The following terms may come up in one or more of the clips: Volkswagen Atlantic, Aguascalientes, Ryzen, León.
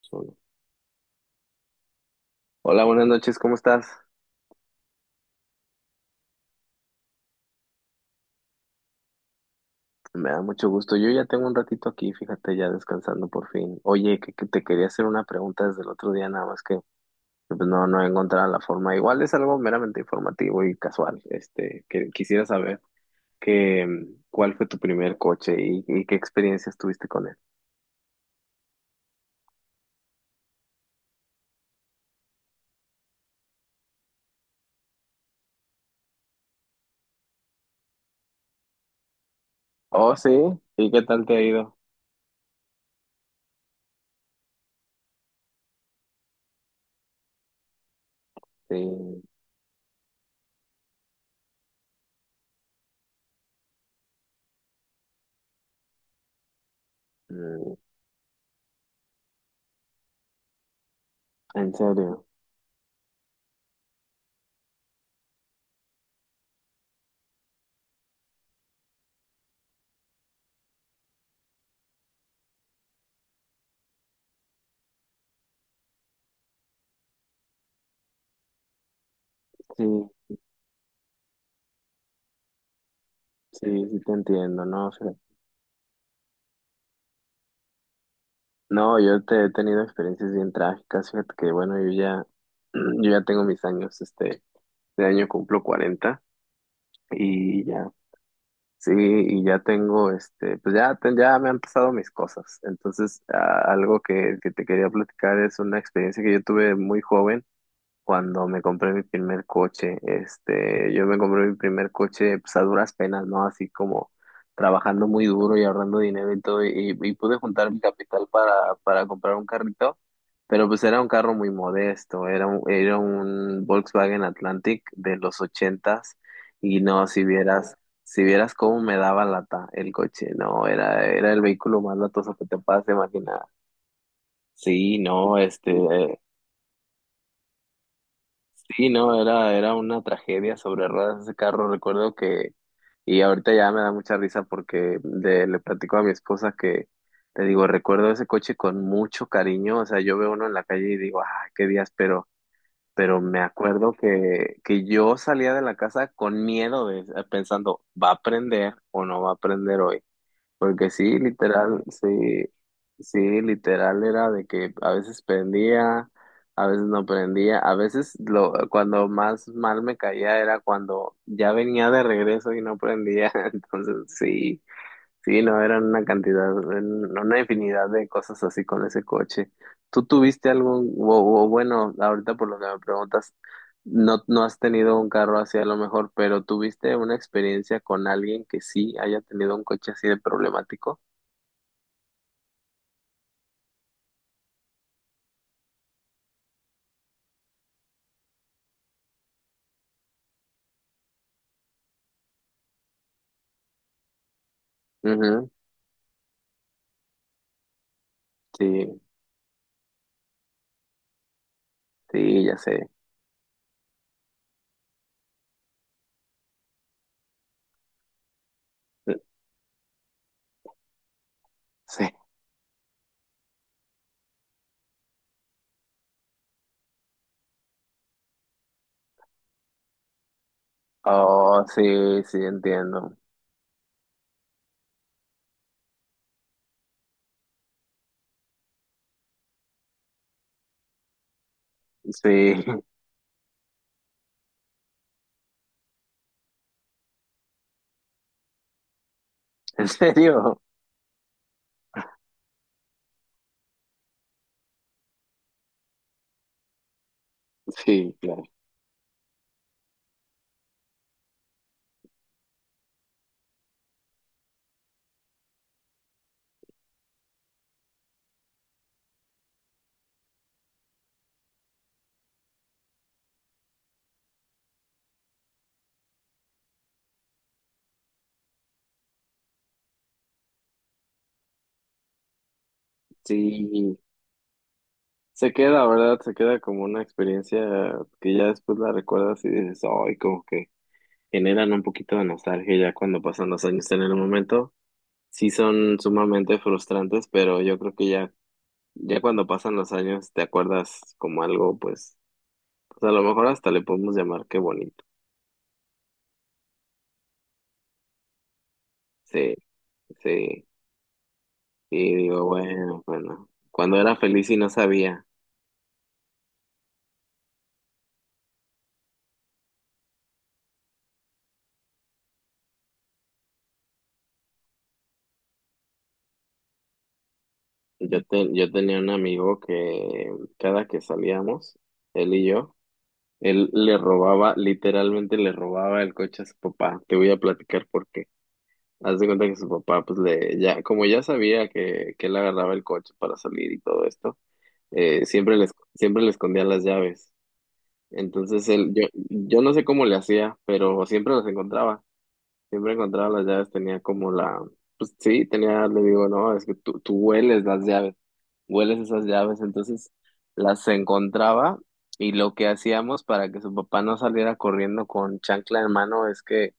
Solo. Hola, buenas noches, ¿cómo estás? Me da mucho gusto. Yo ya tengo un ratito aquí, fíjate, ya descansando por fin. Oye, que te quería hacer una pregunta desde el otro día, nada más que, pues, no he encontrado la forma. Igual es algo meramente informativo y casual. Este, que quisiera saber que cuál fue tu primer coche y qué experiencias tuviste con él. Oh, sí, ¿y qué tal te ha ido? Sí, mm, en serio. Sí, sí, sí te entiendo, ¿no? No, yo te he tenido experiencias bien trágicas, fíjate que bueno, yo ya, yo ya tengo mis años, este, de año cumplo 40 y ya, sí, y ya tengo, este, pues ya, ya me han pasado mis cosas. Entonces, algo que te quería platicar es una experiencia que yo tuve muy joven cuando me compré mi primer coche. Este, yo me compré mi primer coche, pues a duras penas, ¿no? Así como trabajando muy duro y ahorrando dinero y todo, y pude juntar mi capital para comprar un carrito. Pero pues era un carro muy modesto, era un Volkswagen Atlantic de los 80 y no, si vieras, si vieras cómo me daba lata el coche, no, era, era el vehículo más latoso que te puedas imaginar. Sí, no, este, sí, no, era, era una tragedia sobre ruedas ese carro, recuerdo que, y ahorita ya me da mucha risa porque le platico a mi esposa que, te digo, recuerdo ese coche con mucho cariño, o sea, yo veo uno en la calle y digo, ah, qué días, pero me acuerdo que yo salía de la casa con miedo, pensando, ¿va a aprender o no va a aprender hoy? Porque sí, literal, sí, sí, literal era de que a veces prendía, a veces no prendía, a veces lo, cuando más mal me caía era cuando ya venía de regreso y no prendía, entonces sí. Sí, no, eran una cantidad, una infinidad de cosas así con ese coche. ¿Tú tuviste algún, o bueno, ahorita por lo que me preguntas, no, no has tenido un carro así a lo mejor, pero tuviste una experiencia con alguien que sí haya tenido un coche así de problemático? Ujú, sí, sí, ya sé. Sí. Oh, sí, sí, entiendo. Sí, en serio. Sí, claro. Sí, se queda, ¿verdad? Se queda como una experiencia que ya después la recuerdas y dices, ay, como que generan un poquito de nostalgia ya cuando pasan los años en el momento. Sí son sumamente frustrantes, pero yo creo que ya, ya cuando pasan los años te acuerdas como algo, pues, pues a lo mejor hasta le podemos llamar qué bonito. Sí, sí, y digo, bueno, bueno, cuando era feliz y no sabía, yo, yo tenía un amigo que cada que salíamos, él y yo, él le robaba, literalmente le robaba el coche a su papá. Te voy a platicar por qué. Haz de cuenta que su papá, pues le, ya, como ya sabía que él agarraba el coche para salir y todo esto, siempre le, siempre le escondía las llaves. Entonces él, yo no sé cómo le hacía, pero siempre las encontraba. Siempre encontraba las llaves, tenía como la, pues sí, tenía, le digo, no, es que tú hueles las llaves, hueles esas llaves, entonces las encontraba y lo que hacíamos para que su papá no saliera corriendo con chancla en mano es que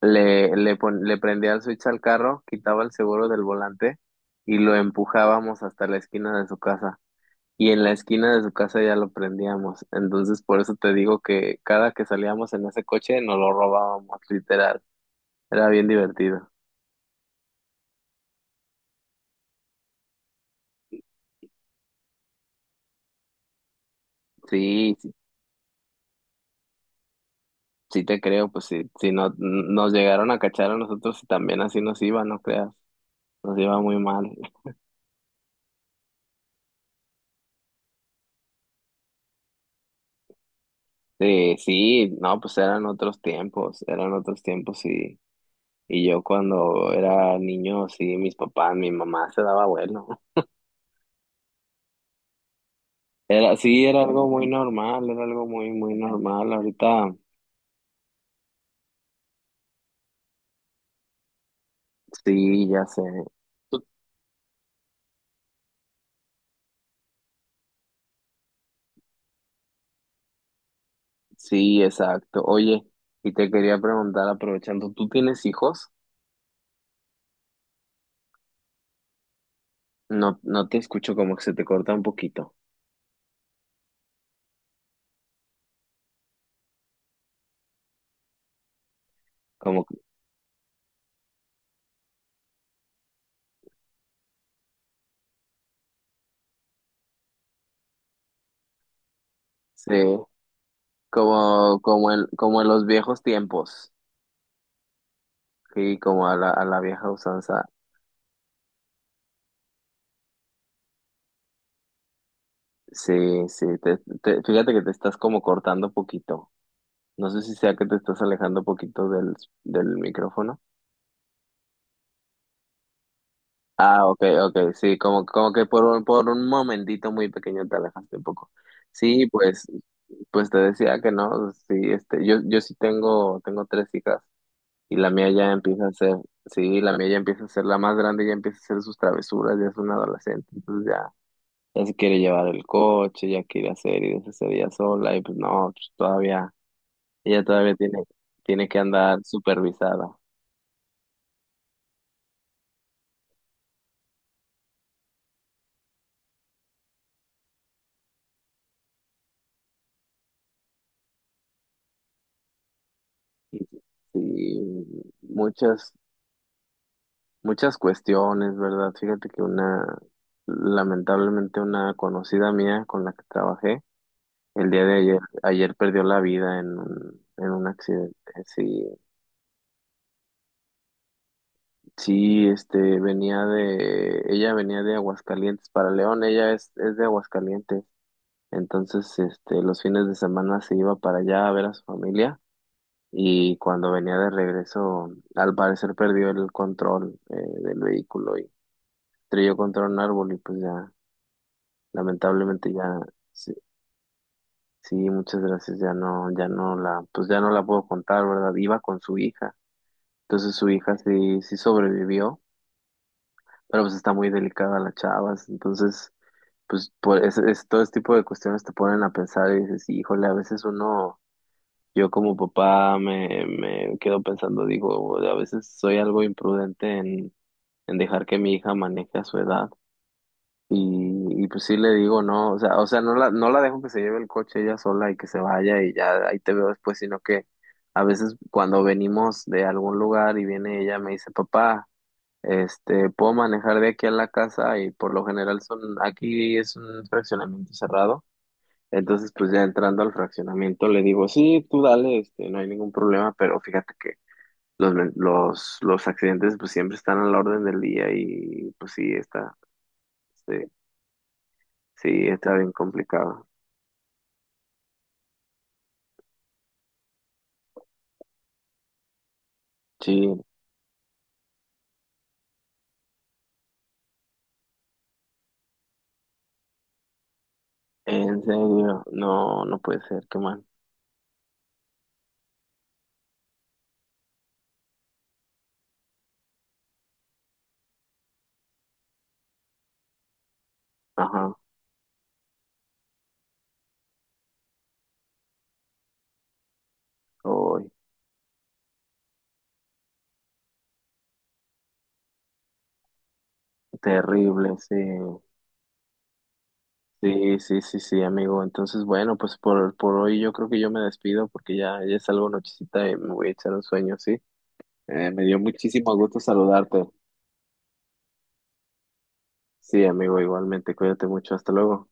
le prendía el switch al carro, quitaba el seguro del volante y lo empujábamos hasta la esquina de su casa. Y en la esquina de su casa ya lo prendíamos. Entonces, por eso te digo que cada que salíamos en ese coche nos lo robábamos, literal. Era bien divertido. Sí, sí, sí te creo, pues sí, si no, nos llegaron a cachar a nosotros y también así nos iba, no creas, nos iba muy mal. Sí, sí, no, pues eran otros tiempos y yo cuando era niño, sí, mis papás, mi mamá se daba vuelo. Era, sí, era algo muy normal, era algo muy, muy normal. Ahorita, sí, ya sé. Tú- sí, exacto. Oye, y te quería preguntar, aprovechando, ¿tú tienes hijos? No, no te escucho como que se te corta un poquito. Como que- sí, como, como en, como en los viejos tiempos. Sí, como a la vieja usanza. Sí, sí, fíjate que te estás como cortando poquito. No sé si sea que te estás alejando poquito del micrófono. Ah, ok, ok, sí, como, como que por un momentito muy pequeño te alejaste un poco. Sí, pues, pues te decía que no, sí, este, yo sí tengo, tengo tres hijas. Y la mía ya empieza a ser, sí, la mía ya empieza a ser la más grande, ya empieza a hacer sus travesuras, ya es una adolescente, entonces ya, ya se quiere llevar el coche, ya quiere hacer y deshacer ella sola, y pues no, pues todavía, ella todavía tiene, tiene que andar supervisada. Y, y muchas, muchas cuestiones, ¿verdad? Fíjate que una, lamentablemente una conocida mía con la que trabajé, el día de ayer, ayer perdió la vida en un accidente, sí. Sí, este, ella venía de Aguascalientes para León, ella es de Aguascalientes, entonces, este, los fines de semana se iba para allá a ver a su familia y cuando venía de regreso, al parecer perdió el control del vehículo y estrelló contra un árbol y pues ya, lamentablemente ya, sí, sí, muchas gracias, ya no, ya no la, pues ya no la puedo contar, ¿verdad? Iba con su hija, entonces su hija sí, sí sobrevivió, pero pues está muy delicada la chava, entonces pues por todo este tipo de cuestiones te ponen a pensar y dices, híjole, a veces uno, yo como papá me quedo pensando, digo, a veces soy algo imprudente en dejar que mi hija maneje a su edad. Y pues sí le digo, no, o sea, no la dejo que se lleve el coche ella sola y que se vaya y ya ahí te veo después, sino que a veces cuando venimos de algún lugar y viene ella, me dice, papá, este, puedo manejar de aquí a la casa y por lo general son, aquí es un fraccionamiento cerrado. Entonces, pues ya entrando al fraccionamiento, le digo, sí, tú dale, este, no hay ningún problema, pero fíjate que los accidentes pues siempre están a la orden del día y pues sí, está, este, sí, está bien complicado. Sí, en serio, no, no puede ser, qué mal. Ajá, hoy, terrible, sí. Sí, sí, sí, sí, amigo. Entonces, bueno, pues por hoy yo creo que yo me despido porque ya, ya es algo nochecita y me voy a echar un sueño, ¿sí? Me dio muchísimo gusto saludarte. Sí, amigo, igualmente, cuídate mucho, hasta luego.